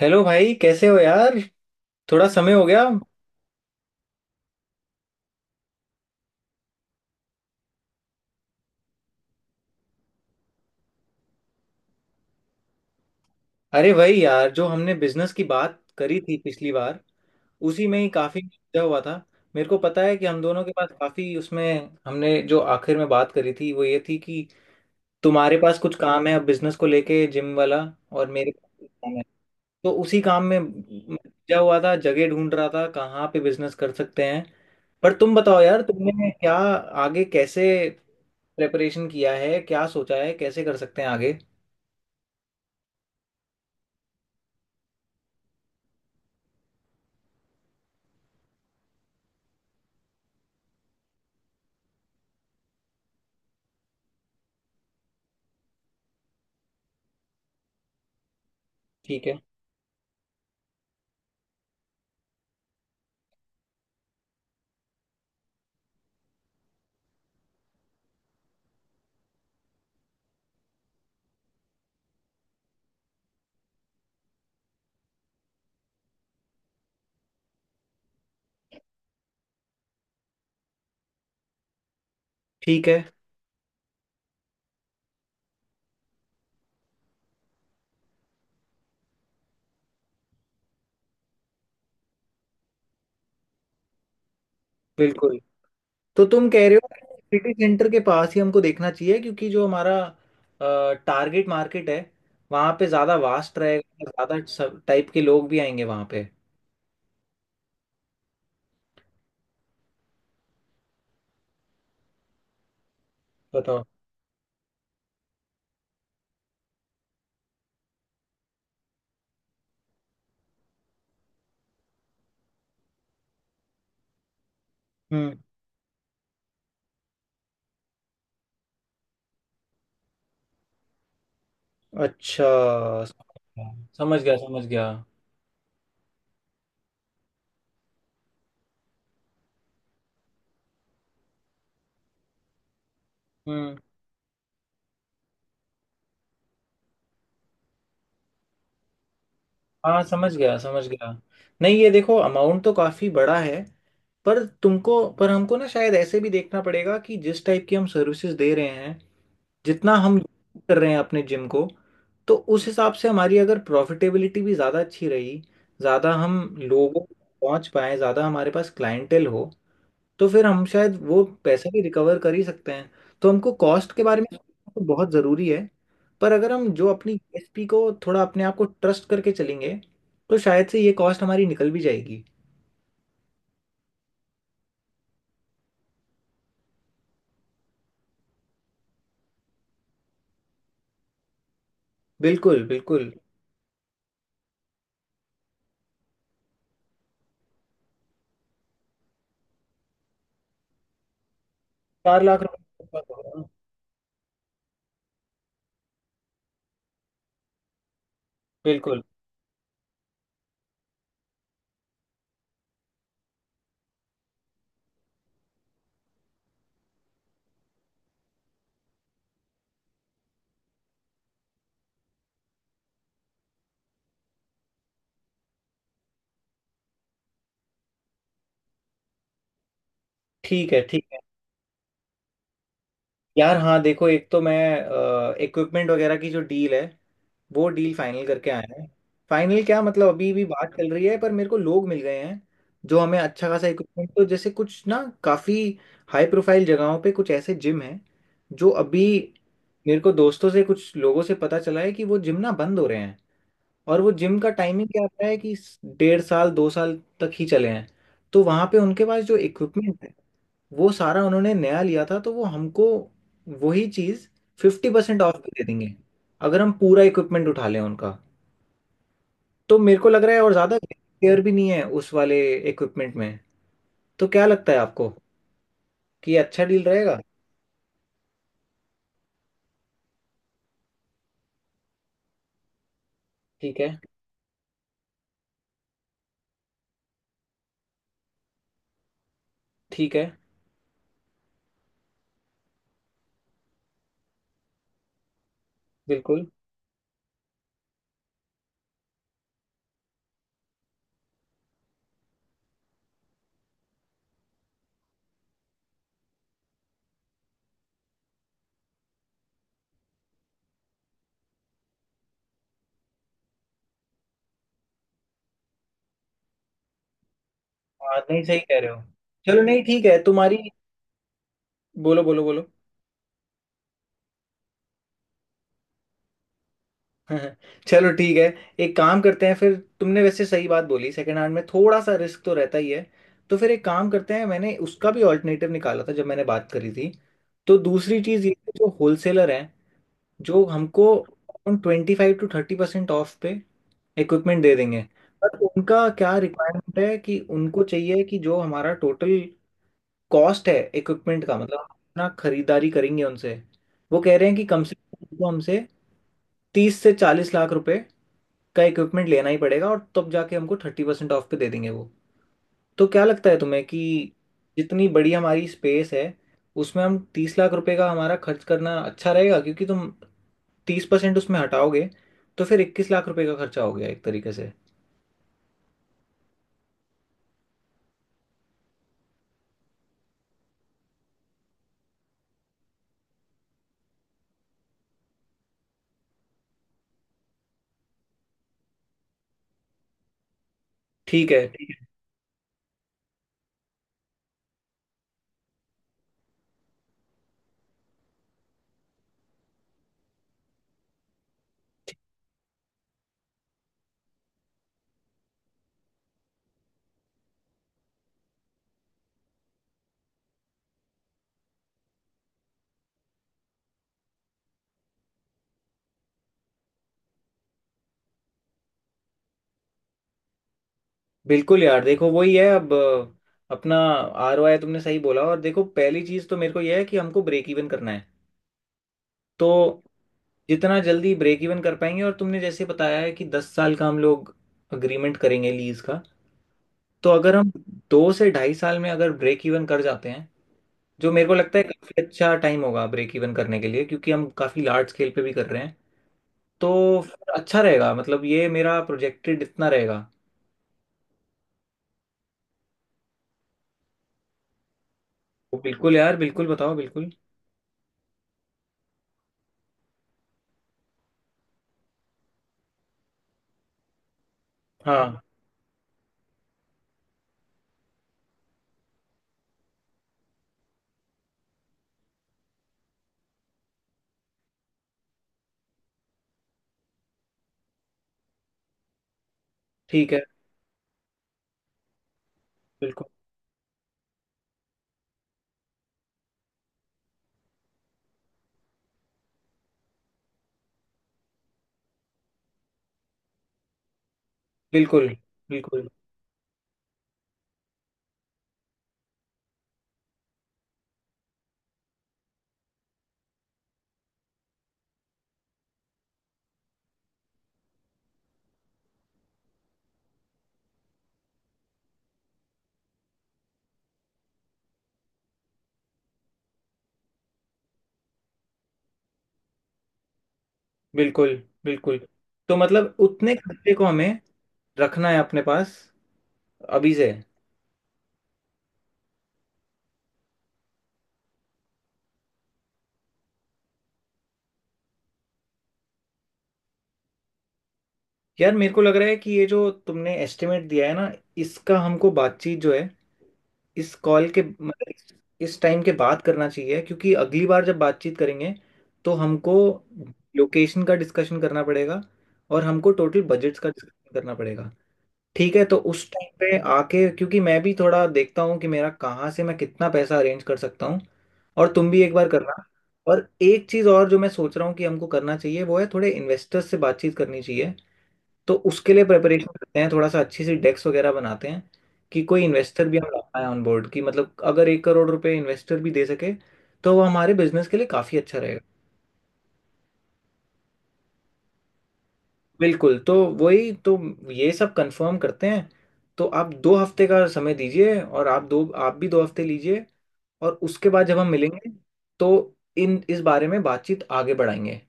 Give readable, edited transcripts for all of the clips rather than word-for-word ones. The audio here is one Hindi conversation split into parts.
हेलो भाई, कैसे हो यार। थोड़ा समय हो गया। अरे भाई यार, जो हमने बिजनेस की बात करी थी पिछली बार, उसी में ही काफी उलझा हुआ था। मेरे को पता है कि हम दोनों के पास काफी उसमें। हमने जो आखिर में बात करी थी वो ये थी कि तुम्हारे पास कुछ काम है अब बिजनेस को लेके, जिम वाला, और मेरे पास कुछ काम है। तो उसी काम में मैं उलझा हुआ था, जगह ढूंढ रहा था कहाँ पे बिजनेस कर सकते हैं। पर तुम बताओ यार, तुमने क्या आगे कैसे प्रेपरेशन किया है, क्या सोचा है, कैसे कर सकते हैं आगे। ठीक है। ठीक है। बिल्कुल। तो तुम कह रहे हो सिटी सेंटर के पास ही हमको देखना चाहिए क्योंकि जो हमारा टारगेट मार्केट है, वहाँ पे ज़्यादा वास्ट रहेगा, ज़्यादा सब टाइप के लोग भी आएंगे वहाँ पे। बताओ। हम्म। अच्छा। समझ गया, समझ गया। हम्म। हाँ, समझ गया, समझ गया। नहीं, ये देखो अमाउंट तो काफ़ी बड़ा है, पर तुमको पर हमको ना शायद ऐसे भी देखना पड़ेगा कि जिस टाइप की हम सर्विसेज दे रहे हैं, जितना हम कर रहे हैं अपने जिम को, तो उस हिसाब से हमारी अगर प्रॉफिटेबिलिटी भी ज़्यादा अच्छी रही, ज़्यादा हम लोगों तक पहुंच पाए, ज़्यादा हमारे पास क्लाइंटेल हो, तो फिर हम शायद वो पैसा भी रिकवर कर ही सकते हैं। तो हमको कॉस्ट के बारे में सोचना तो बहुत ज़रूरी है, पर अगर हम जो अपनी यूएसपी को थोड़ा अपने आप को ट्रस्ट करके चलेंगे, तो शायद से ये कॉस्ट हमारी निकल भी जाएगी। बिल्कुल, बिल्कुल। 4 लाख रुपए। बिल्कुल। ठीक है। ठीक है। यार हाँ, देखो एक तो मैं इक्विपमेंट वगैरह की जो डील है, वो डील फाइनल करके आया है। फाइनल क्या मतलब अभी भी बात चल रही है, पर मेरे को लोग मिल गए हैं जो हमें अच्छा खासा इक्विपमेंट तो जैसे कुछ ना, काफ़ी हाई प्रोफाइल जगहों पे कुछ ऐसे जिम हैं जो अभी, मेरे को दोस्तों से कुछ लोगों से पता चला है कि वो जिम ना बंद हो रहे हैं। और वो जिम का टाइमिंग क्या आता है कि डेढ़ साल 2 साल तक ही चले हैं। तो वहाँ पे उनके पास जो इक्विपमेंट है, वो सारा उन्होंने नया लिया था, तो वो हमको वही चीज़ 50% ऑफ भी दे देंगे अगर हम पूरा इक्विपमेंट उठा लें उनका। तो मेरे को लग रहा है और ज़्यादा केयर भी नहीं है उस वाले इक्विपमेंट में। तो क्या लगता है आपको कि ये अच्छा डील रहेगा। ठीक है। ठीक है। बिल्कुल। हाँ नहीं, सही कह रहे हो। चलो नहीं, ठीक है तुम्हारी। बोलो, बोलो, बोलो। हाँ, चलो ठीक है। एक काम करते हैं, फिर तुमने वैसे सही बात बोली, सेकंड हैंड में थोड़ा सा रिस्क तो रहता ही है। तो फिर एक काम करते हैं, मैंने उसका भी ऑल्टरनेटिव निकाला था जब मैंने बात करी थी। तो दूसरी चीज़ ये है, जो होलसेलर हैं, जो हमको 25 to 30% ऑफ पे इक्विपमेंट दे देंगे। पर उनका क्या रिक्वायरमेंट है कि उनको चाहिए कि जो हमारा टोटल कॉस्ट है इक्विपमेंट का, मतलब हम अपना खरीदारी करेंगे उनसे, वो कह रहे हैं कि कम से कम उनको हमसे 30 से 40 लाख रुपए का इक्विपमेंट लेना ही पड़ेगा, और तब जाके हमको 30% ऑफ पे दे देंगे वो। तो क्या लगता है तुम्हें कि जितनी बड़ी हमारी स्पेस है, उसमें हम 30 लाख रुपए का हमारा खर्च करना अच्छा रहेगा, क्योंकि तुम 30% उसमें हटाओगे तो फिर 21 लाख रुपए का खर्चा हो गया एक तरीके से। ठीक है। बिल्कुल यार, देखो वही है। अब अपना आर ओ आई तुमने सही बोला। और देखो, पहली चीज तो मेरे को यह है कि हमको ब्रेक इवन करना है। तो जितना जल्दी ब्रेक इवन कर पाएंगे, और तुमने जैसे बताया है कि 10 साल का हम लोग अग्रीमेंट करेंगे लीज का, तो अगर हम 2 से ढाई साल में अगर ब्रेक इवन कर जाते हैं, जो मेरे को लगता है काफी अच्छा टाइम होगा ब्रेक इवन करने के लिए, क्योंकि हम काफी लार्ज स्केल पे भी कर रहे हैं, तो फिर अच्छा रहेगा। मतलब ये मेरा प्रोजेक्टेड इतना रहेगा। तो बिल्कुल यार, बिल्कुल बताओ, बिल्कुल। हाँ। ठीक है। बिल्कुल, बिल्कुल, बिल्कुल, बिल्कुल, बिल्कुल। तो मतलब उतने खर्चे को हमें रखना है अपने पास अभी से। यार मेरे को लग रहा है कि ये जो तुमने एस्टिमेट दिया है ना, इसका हमको बातचीत जो है, इस कॉल के मतलब इस टाइम के बाद करना चाहिए, क्योंकि अगली बार जब बातचीत करेंगे तो हमको लोकेशन का डिस्कशन करना पड़ेगा, और हमको टोटल बजट्स का डिस्कशन करना पड़ेगा। ठीक है, तो उस टाइम पे आके, क्योंकि मैं भी थोड़ा देखता हूँ कि मेरा कहाँ से मैं कितना पैसा अरेंज कर सकता हूँ, और तुम भी एक बार करना। और एक चीज़ और जो मैं सोच रहा हूँ कि हमको करना चाहिए, वो है थोड़े इन्वेस्टर्स से बातचीत करनी चाहिए। तो उसके लिए प्रिपरेशन करते हैं, थोड़ा सा अच्छी सी डेस्क वगैरह बनाते हैं, कि कोई इन्वेस्टर भी हम ला पाए ऑन बोर्ड, कि मतलब अगर 1 करोड़ रुपए इन्वेस्टर भी दे सके तो वो हमारे बिजनेस के लिए काफ़ी अच्छा रहेगा। बिल्कुल। तो वही तो, ये सब कंफर्म करते हैं। तो आप 2 हफ्ते का समय दीजिए, और आप दो, आप भी 2 हफ्ते लीजिए, और उसके बाद जब हम मिलेंगे तो इन इस बारे में बातचीत आगे बढ़ाएंगे।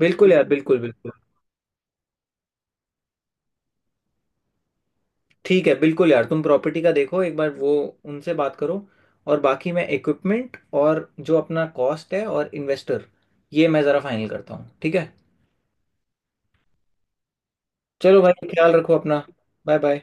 बिल्कुल यार, बिल्कुल, बिल्कुल। ठीक है। बिल्कुल यार, तुम प्रॉपर्टी का देखो एक बार, वो उनसे बात करो, और बाकी मैं इक्विपमेंट और जो अपना कॉस्ट है और इन्वेस्टर, ये मैं ज़रा फाइनल करता हूँ, ठीक है। चलो भाई, ख्याल रखो अपना। Bye bye.